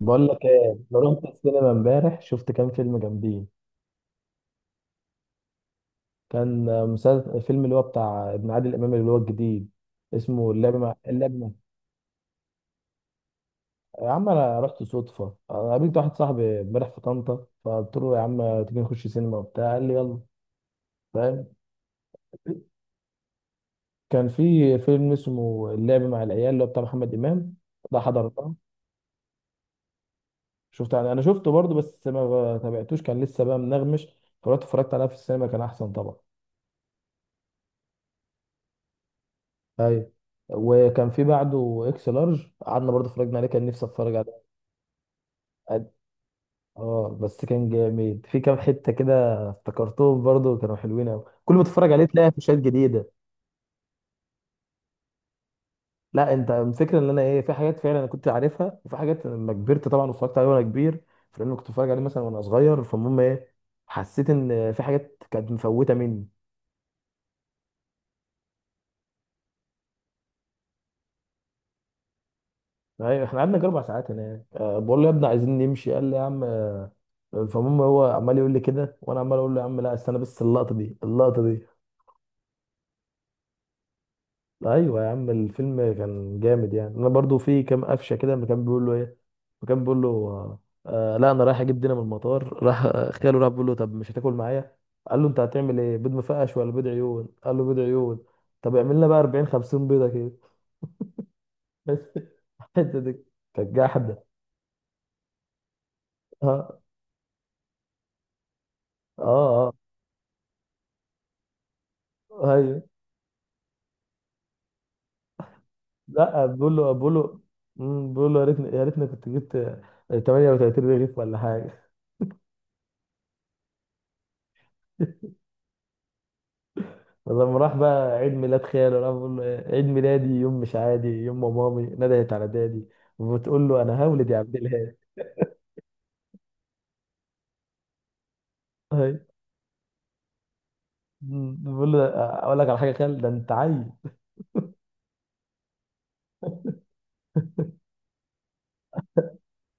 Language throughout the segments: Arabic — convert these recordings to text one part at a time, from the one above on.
بقول لك ايه، انا رحت السينما امبارح، شفت كام فيلم جامدين. كان مسلسل فيلم اللي هو بتاع ابن عادل امام اللي هو الجديد، اسمه اللعب مع يا عم انا رحت صدفه. أنا قابلت واحد صاحبي امبارح في طنطا، فقلت له يا عم تيجي نخش سينما وبتاع، قال لي يلا. فاهم. كان في فيلم اسمه اللعب مع العيال اللي هو بتاع محمد امام، ده حضرته. شفت يعني، انا شفته برضه بس ما تابعتوش، كان لسه بقى منغمش، فرحت اتفرجت عليها في السينما، كان احسن طبعا. ايوه. وكان في بعده اكس لارج، قعدنا برضه اتفرجنا عليه، كان نفسي اتفرج عليه. قد- اه بس كان جامد في كام حته كده. افتكرتهم برضه، كانوا حلوين قوي، كل ما تتفرج عليه تلاقي فيشات جديده. لا انت الفكره ان انا ايه، في حاجات فعلا انا كنت عارفها، وفي حاجات لما كبرت طبعا واتفرجت عليه وانا كبير فلان كنت اتفرج عليه مثلا وانا صغير، فالمهم ايه، حسيت ان في حاجات كانت مفوته مني. ايوه، احنا قعدنا جربع ساعات هناك، أه بقول له يا ابني عايزين نمشي، قال لي يا عم آه، فالمهم هو عمال يقول لي كده وانا عمال اقول له يا عم لا استنى بس اللقطه دي اللقطه دي. ايوه يا عم الفيلم كان جامد، يعني انا برضو في كام قفشه كده، لما كان بيقول له ايه، فكان بيقول له آه. لا انا رايح اجيب دينا من المطار. راح خاله، راح بيقول له طب مش هتاكل معايا، قال له انت هتعمل ايه، بيض مفقش ولا بيض عيون، قال له بيض عيون، طب اعمل لنا بقى 40 50 بيضه كده. بس الحته دي كانت جحده. اه. اه. اه. ايوه. لا بقول له، بقول له يا ريتني كنت جبت 38 رغيف ولا حاجه. فلما راح بقى عيد ميلاد خاله راح بقول له إيه، عيد ميلادي يوم مش عادي، يوم ما مامي ندهت على دادي، وبتقول له انا هولد يا عبد الهادي. أهي. بقول له اقول لك على حاجه يا خال، ده انت عيل.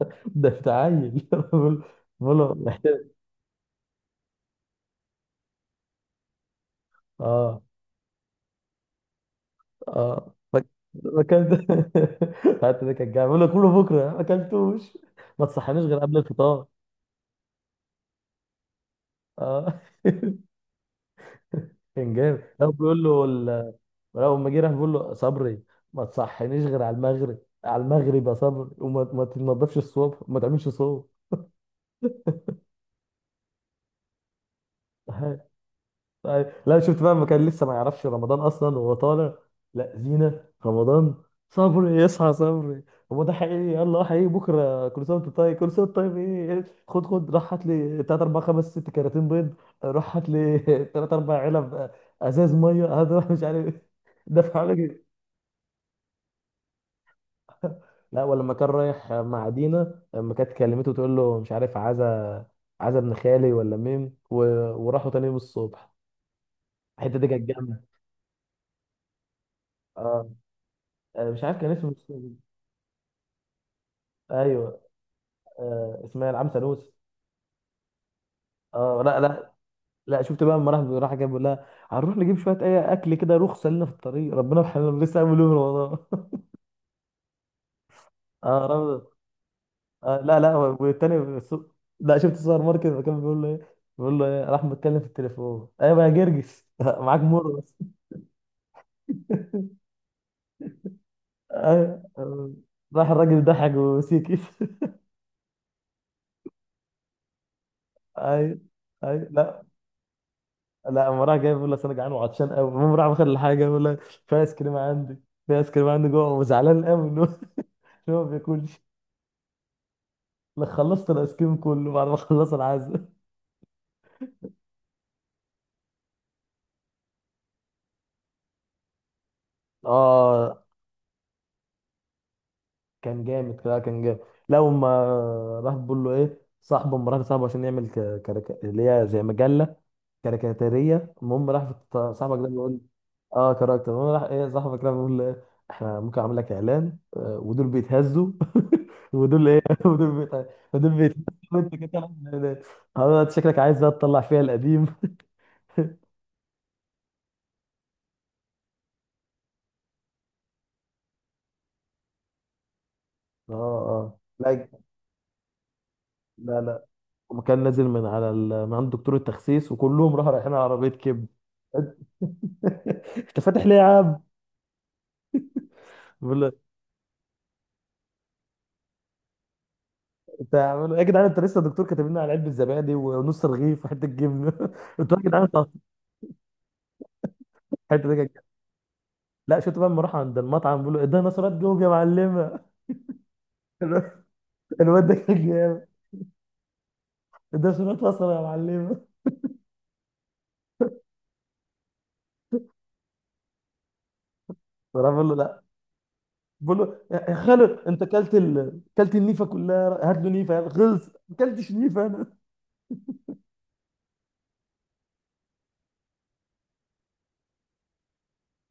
ده انت عيل. بقول. بقول له محتاج. اه. اه. ما ما اكلت. حتى ده كان جاي بقول له كله بكره ما اكلتوش، ما تصحنيش غير قبل الفطار. اه. كان جامد، لو لما جه راح بيقول له صبري ما تصحينيش غير على المغرب، على المغرب يا صبري، وما ما تنضفش الصوب وما تعملش صوب. لا شفت بقى ما كان لسه ما يعرفش رمضان اصلا وهو طالع، لا زينة رمضان، صبري يصحى صبري، هو ده حقيقي يلا حقيقي بكره كل سنه وانت طيب، كل سنه وانت طيب، ايه خد خد راح هات لي 3 4 5 6 كراتين بيض. راح هات لي 3 4 علب، ازاز ميه هذا راح مش عارف إيه. دفع لك. لا ولما كان رايح مع دينا، لما كانت كلمته تقول له مش عارف عايزه، عايزه ابن خالي ولا مين و... وراحوا تاني يوم الصبح، الحته دي كانت جامده. اه، آه، مش عارف كان اسمه. ايوه. آه اسمها العم سانوس. اه. لا لا. لا شفت بقى، لما راح راح جاب بيقول لها هنروح نجيب شويه اي اكل كده، رخصه لنا في الطريق ربنا يرحمنا لسه عامل يوم رمضان. اه رمضان. آه لا لا، لا شفت السوبر ماركت لما كان بيقول له ايه، بيقول له ايه، راح متكلم في التليفون ايوه يا جرجس. معاك مر. أيوة. راح الراجل ضحك وسيكت. ايوه. ايوه. لا. لا اما راح جاي بيقول لك انا جعان وعطشان قوي، المهم راح واخد الحاجه بيقول لك في ايس كريم عندي جوه، وزعلان قوي ان هو إن هو ما بياكلش لك، خلصت الايس كريم كله بعد ما خلص العزاء. اه كان جامد، لا كان جامد. لا وما راح بيقول له ايه صاحبه، مرات صاحبه، عشان يعمل اللي هي زي مجله كاريكاتيريه، المهم راح صاحبك ده بيقول. اه كاركتر. المهم راح ايه صاحبك ده بيقول له إيه، احنا ممكن اعمل لك اعلان آه، ودول بيتهزوا. ودول ايه. ودول بيتهزوا. وانت كده تعمل إعلانات. آه، انت شكلك عايز بقى تطلع فيها القديم. اه. اه. لا. لا لا. وكان نازل من على من عند دكتور التخسيس، وكلهم راحوا رايحين على عربيه كبد. انت فاتح ليه يا عم؟ بقول له يا جدعان انت لسه الدكتور كاتب لنا على علبه زبادي ونص رغيف وحته جبنه، انتوا يا جدعان. الحته دي كانت جامدة. لا شفت بقى لما راح عند المطعم بيقول له اديها نشرات جوب يا معلمه. الواد ده كان جامد. اديها نشرات بصل يا معلمه. راح بيقول له لا بيقول له يا خالو انت كلت كلت النيفه كلها، هات له نيفه يلا خلص، ما كلتش نيفه انا.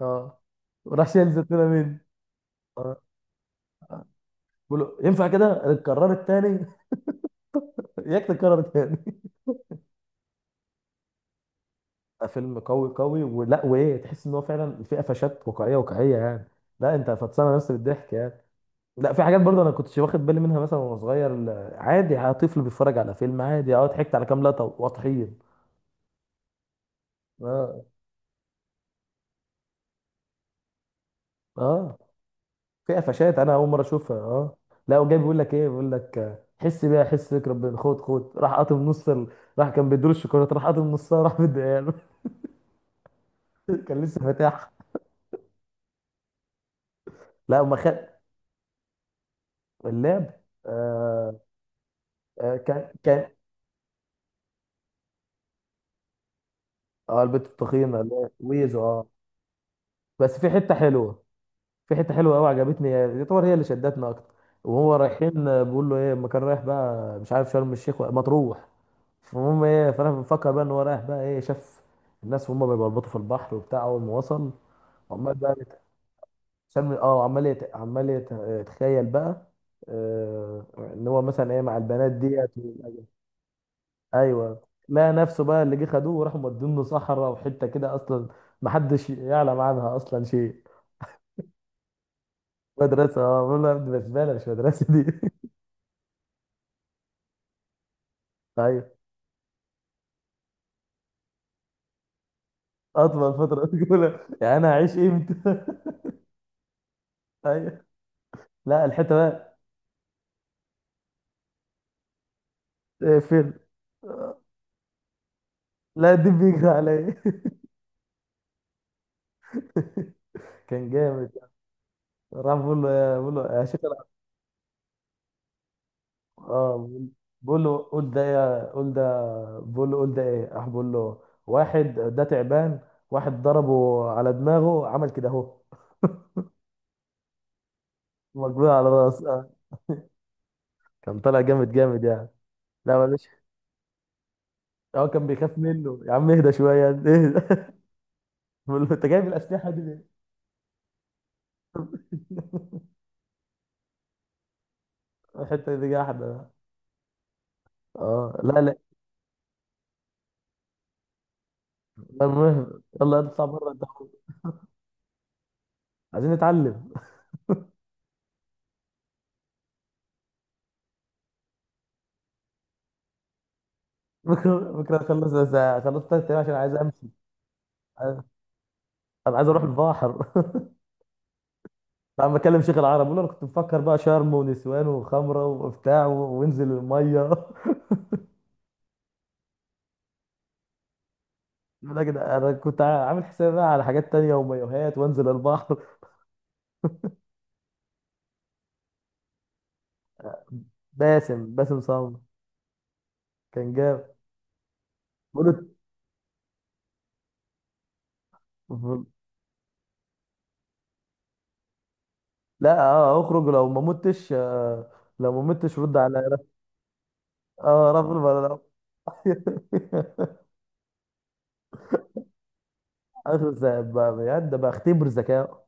اه، وراح شايل زيتونه مني. اه بيقول له ينفع كده اتكرر التاني. ياك تتكرر تاني. فيلم قوي قوي، ولا وايه، تحس ان هو فعلا في قفشات واقعيه واقعيه يعني، لا انت فطسانه نفسك بالضحك يعني. لا في حاجات برضه انا كنتش واخد بالي منها مثلا وانا صغير، عادي طفل بيتفرج على فيلم عادي، اه ضحكت على كام لقطه واطحين. اه. اه. في قفشات انا اول مره اشوفها اه. لا وجاي بيقول لك ايه بيقول لك آه، حس بيها حس بيك ربنا، خد خد راح قاطم نص راح كان بيدور الشوكولاته، راح قاطم نصها راح مديها له. كان لسه فاتحها. لا وما خد. اللعب. آه. آه كان كان، اه البت التخينه اللي هي ويزو اه. بس في حته حلوه. في حته حلوه قوي عجبتني، يعتبر هي اللي شدتنا اكتر، وهو رايحين آه، بيقول له ايه، ما كان رايح بقى مش عارف شرم الشيخ مطروح، فالمهم ايه، فانا مفكر بقى ان هو رايح بقى ايه، شاف الناس وهم بيبلبطوا في البحر وبتاع، اول ما وصل عمال بقى شرم اه، يتخيل بقى آه... ان هو مثلا ايه مع البنات ديت ايوه، لقى نفسه بقى اللي جه خدوه وراحوا مودينه صحراء، وحته كده اصلا محدش يعلم عنها اصلا شيء. مدرسة اه، بقول له يا ابني بسبالة مش مدرسة دي. ايوه. اطول فترة اولى، يعني انا هعيش امتى. ايوه. لا الحتة بقى. إيه فين. لا دي بيجري عليا. كان جامد. راح بقول له يا بقول له يا شيخ انا. اه بقول، بقول له قول ده، بقول له قول ده ايه، راح بقول له واحد ده تعبان، واحد ضربه على دماغه عمل كده اهو. مجبور على راسه آه. كان طالع جامد، جامد يعني. لا معلش. هو كان بيخاف منه، يا عم اهدى شوية اهدى. بقول له انت جايب الاسلحه دي ليه؟ الحته دي جاحده بقى. اه لا لا لا، المهم يلا اطلع بره انت. عايزين نتعلم. بكره بكره اخلص اخلص تلات ايام عشان عايز امشي. عايز- انا عايز اروح البحر. عم بكلم شيخ العرب، بقول له انا كنت مفكر بقى شرم ونسوان وخمره وبتاع وانزل الميه. لا كده انا كنت عامل حسابي بقى على حاجات تانية ومايوهات وانزل البحر. باسم، باسم صامت. كان جاب. بقول له لا اه اخرج لو ما متش آه، لو ما متش رد على. اه رفع الملعقة. اخر ساعة بقى بجد، بقى اختبر ذكاء.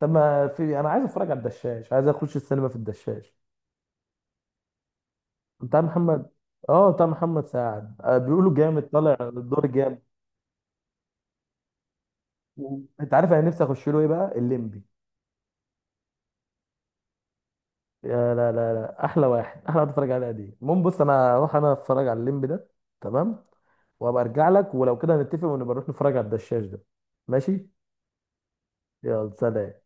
طب ما في انا عايز اتفرج على الدشاش، عايز اخش السينما في الدشاش بتاع محمد. اه بتاع محمد سعد آه، بيقولوا جامد طالع الدور جامد. انت عارف انا نفسي اخش له ايه بقى، الليمبي. يا لا لا لا، احلى واحد، احلى واحد اتفرج عليها دي، المهم بص انا اروح انا اتفرج على الليمبي ده، تمام، وابقى ارجع لك، ولو كده هنتفق ونبقى نروح نتفرج على الدشاش ده. ماشي. يلا سلام.